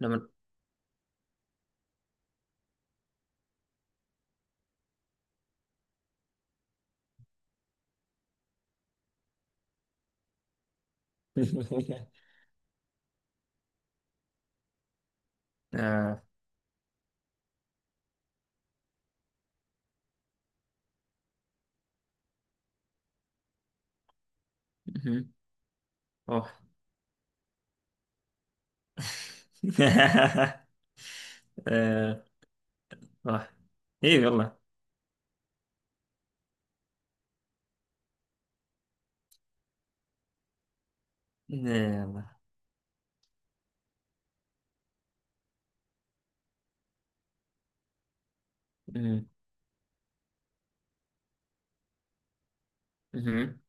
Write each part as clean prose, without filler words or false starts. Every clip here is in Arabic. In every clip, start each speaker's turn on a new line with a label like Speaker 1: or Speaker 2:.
Speaker 1: لما. آه. مهم. أوه. آه. أوه. إيه والله. يلا. مهم. مهم.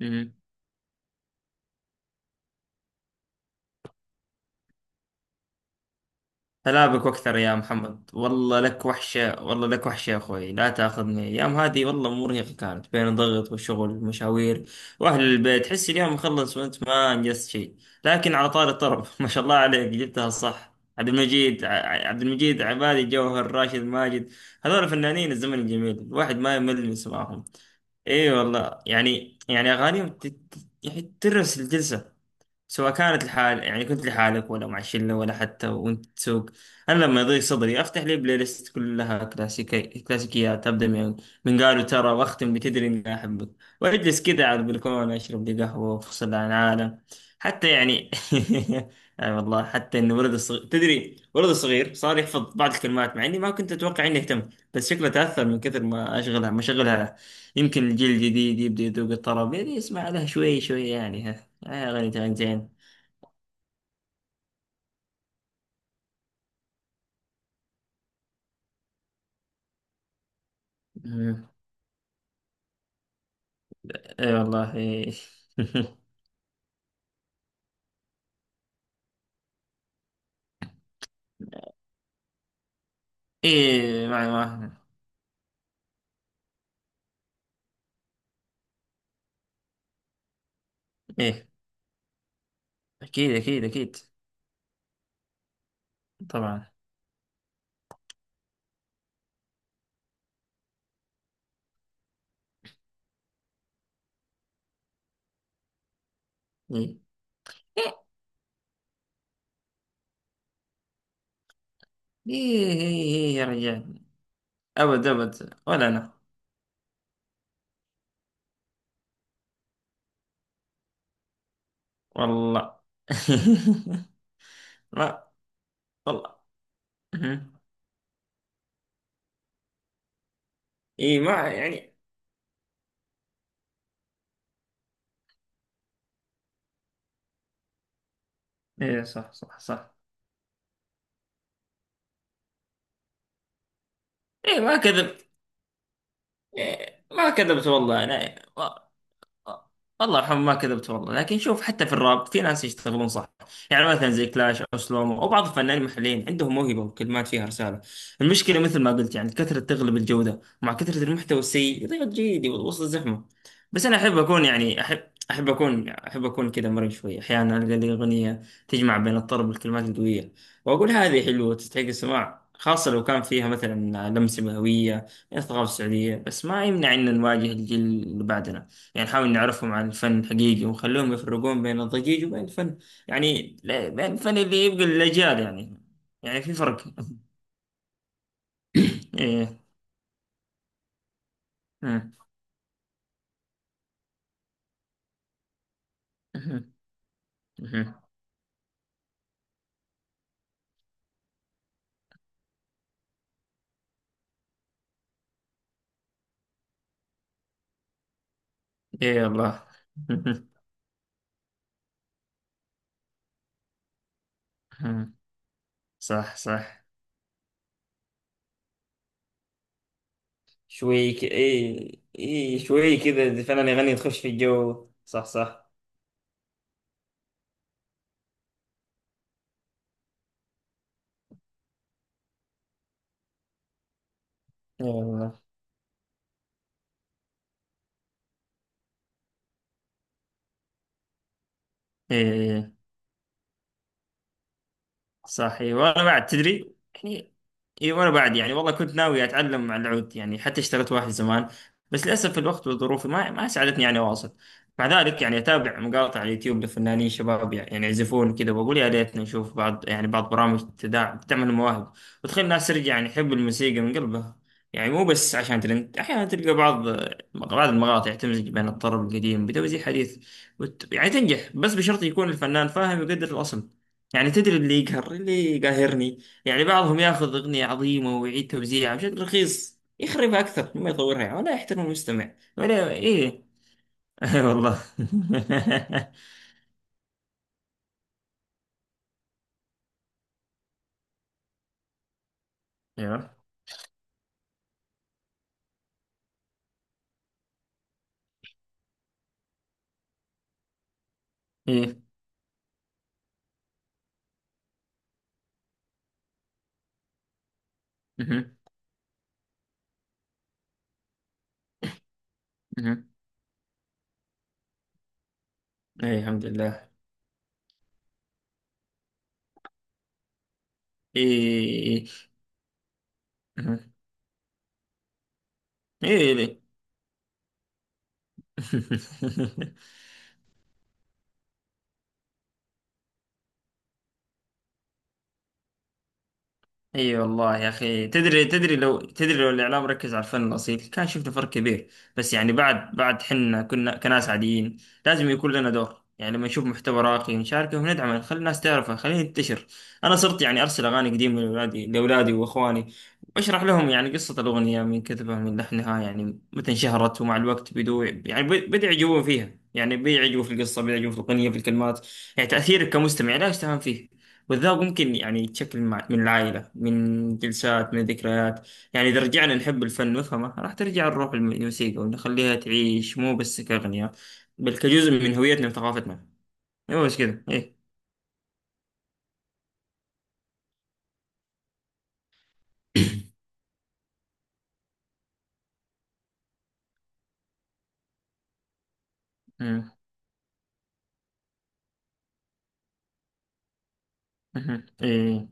Speaker 1: مهم. هلابك واكثر يا محمد، والله لك وحشة، والله لك وحشة يا اخوي. لا تاخذني، ايام هذه والله مرهقة، كانت بين الضغط والشغل والمشاوير واهل البيت. حس اليوم مخلص وانت ما انجزت شيء. لكن على طار الطرب ما شاء الله عليك، جبتها صح. عبد المجيد، عبد المجيد، عبادي، جوهر، راشد، ماجد. هذول فنانين الزمن الجميل، الواحد ما يمل من سماعهم. اي والله، يعني اغانيهم يعني ترس الجلسة. سواء كانت لحال، يعني كنت لحالك، ولا مع شلة، ولا حتى وانت تسوق. انا لما يضيق صدري افتح لي بلاي ليست كلها كلاسيكيات، ابدا من قالوا ترى، واختم بتدري اني احبك، واجلس كذا على البلكونه، اشرب لي قهوه وافصل عن العالم. حتى يعني يعني والله، حتى انه ولد الصغير، تدري، ولد الصغير صار يحفظ بعض الكلمات، مع اني ما كنت اتوقع اني اهتم، بس شكله تاثر من كثر ما شغلها. يمكن الجيل الجديد يبدا يذوق الطرب، يعني يسمع لها شوي شوي، يعني. آه أغاني تمانجين. مم. إيه والله، إيه. إيه مع ما. إيه أكيد أكيد أكيد. طبعا. إيه إيه إيه إيه، إيه يا رجال. أبد أبد، ولا أنا. والله. ما. والله. مم. إيه ما يعني. إيه صح صح صح. إيه ما كذبت. إيه ما كذبت والله أنا. الله يرحمه، ما كذبت والله. لكن شوف، حتى في الراب في ناس يشتغلون صح. يعني مثلا زي كلاش او سلومو، او بعض الفنانين المحليين عندهم موهبه وكلمات فيها رساله. المشكله، مثل ما قلت، يعني الكثره تغلب الجوده، ومع كثره المحتوى السيء يضيع جيدي وسط الزحمه. بس انا احب اكون، يعني احب اكون كذا، مرن شوي، احيانا القى لي اغنيه تجمع بين الطرب والكلمات القويه، واقول هذه حلوه تستحق السماع، خاصة لو كان فيها مثلا لمسة هوية من الثقافة السعودية. بس ما يمنع أن نواجه الجيل اللي بعدنا، يعني نحاول نعرفهم عن الفن حقيقي، ونخليهم يفرقون بين الضجيج وبين الفن، يعني بين الفن اللي يبقى للأجيال، يعني يعني في فرق. إيه. أمم. أمم. أمم. إيه الله. أمم. صح صح. شوي إيه إيه شوي كذا، الفنان يغني تخش في الجو. صح صح. إيه والله إيه. إيه. صحيح، وانا بعد تدري يعني. اي وانا بعد يعني، والله كنت ناوي اتعلم على العود، يعني حتى اشتغلت واحد زمان. بس للاسف الوقت والظروف ما ساعدتني يعني اواصل. مع ذلك، يعني اتابع مقاطع على اليوتيوب لفنانين شباب، يعني يعزفون كذا، واقول يا ريتنا نشوف بعض، يعني بعض برامج تعمل المواهب، وتخلي الناس ترجع يعني يحب الموسيقى من قلبها، يعني مو بس عشان ترند. احيانا تلقى بعض المقاطع تمزج بين الطرب القديم بتوزيع حديث، يعني تنجح، بس بشرط يكون الفنان فاهم ويقدر الاصل. يعني تدري، اللي يقاهرني، يعني بعضهم ياخذ أغنية عظيمة ويعيد توزيعها بشكل رخيص، يخربها أكثر مما يطورها، ولا يحترم المستمع ولا إيه. إيه والله. أيوه. إيه. مهم. مهم. إيه الحمد لله. إيه إيه إيه. مهم. إيه ليه؟ اي والله يا اخي، تدري لو الاعلام ركز على الفن الاصيل كان شفنا فرق كبير. بس يعني، بعد حنا كنا كناس عاديين، لازم يكون لنا دور، يعني لما نشوف محتوى راقي نشاركه وندعمه، نخلي الناس تعرفه، خليه ينتشر. انا صرت يعني ارسل اغاني قديمه لاولادي واخواني، واشرح لهم يعني قصه الاغنيه، من كتبها، من لحنها، يعني متى انشهرت. ومع الوقت بدو يعني بدأوا يعجبون فيها، يعني بيعجبوا في القصه، بيعجبوا في الاغنيه، في الكلمات. يعني تاثيرك كمستمع لا يستهان فيه، والذوق ممكن يعني يتشكل من العائلة، من جلسات، من ذكريات. يعني إذا رجعنا نحب الفن وفهمه، راح ترجع الروح الموسيقى ونخليها تعيش، مو بس كأغنية بل كجزء من هويتنا وثقافتنا. إيه، مو بس كذا، إيه. مم. مهم. إيه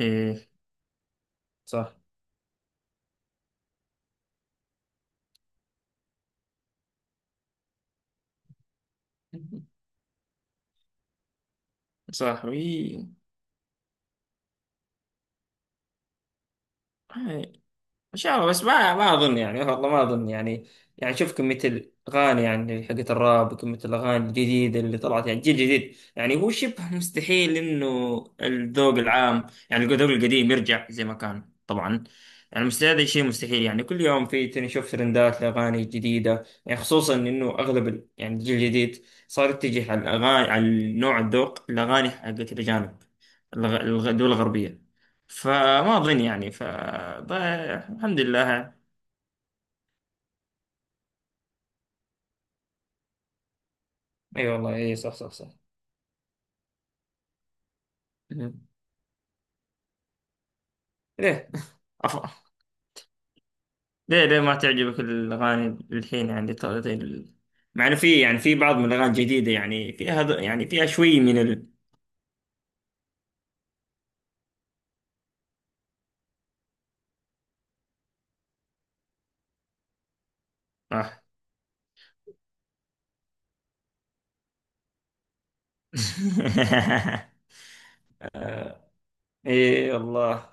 Speaker 1: إيه. صح صح. وي. ان شاء الله، بس ما اظن يعني، والله ما اظن يعني. يعني شوف كميه الاغاني، يعني حقت الراب، وكميه الاغاني الجديده اللي طلعت، يعني جيل جديد، يعني هو شبه مستحيل انه الذوق العام، يعني الذوق القديم يرجع زي ما كان، طبعا. يعني مستحيل، هذا شيء مستحيل. يعني كل يوم في نشوف ترندات لاغاني جديده، يعني خصوصا انه اغلب يعني الجيل الجديد صار يتجه على الاغاني، على نوع الذوق، الاغاني حقت الاجانب، الدول الغربيه. فما أظن يعني. الحمد لله. أي والله، أي. صح صح صح. مم. ليه أف... ليه ليه ما تعجبك الأغاني الحين، يعني طلعت مع إنه في بعض من الأغاني الجديدة، يعني فيها هذا، يعني فيها شوي من ال آه. آه، إي والله،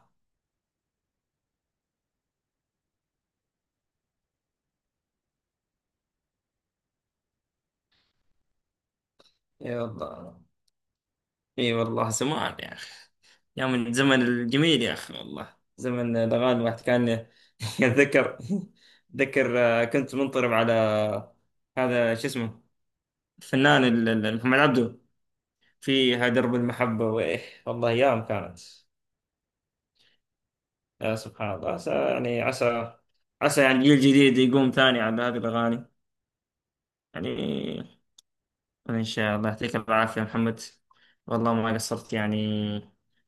Speaker 1: إي والله، اي والله زمان يا اخي. يا من زمن الجميل يا اخي، والله زمن الاغاني الواحد كان يتذكر. ذكر كنت منطرب على هذا، شو اسمه، الفنان محمد عبده، فيها درب المحبة. وايه والله، ايام كانت. يا سبحان الله، عسى يعني الجيل الجديد يقوم ثاني على هذه الاغاني، يعني. إن شاء الله يعطيك العافية يا محمد، والله ما قصرت، يعني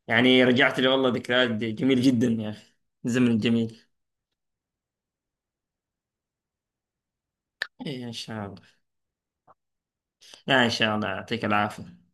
Speaker 1: يعني رجعت لي والله ذكريات جميلة جدا يا أخي. زمن جميل. إيه إن شاء الله. لا، إن شاء الله يعطيك العافية.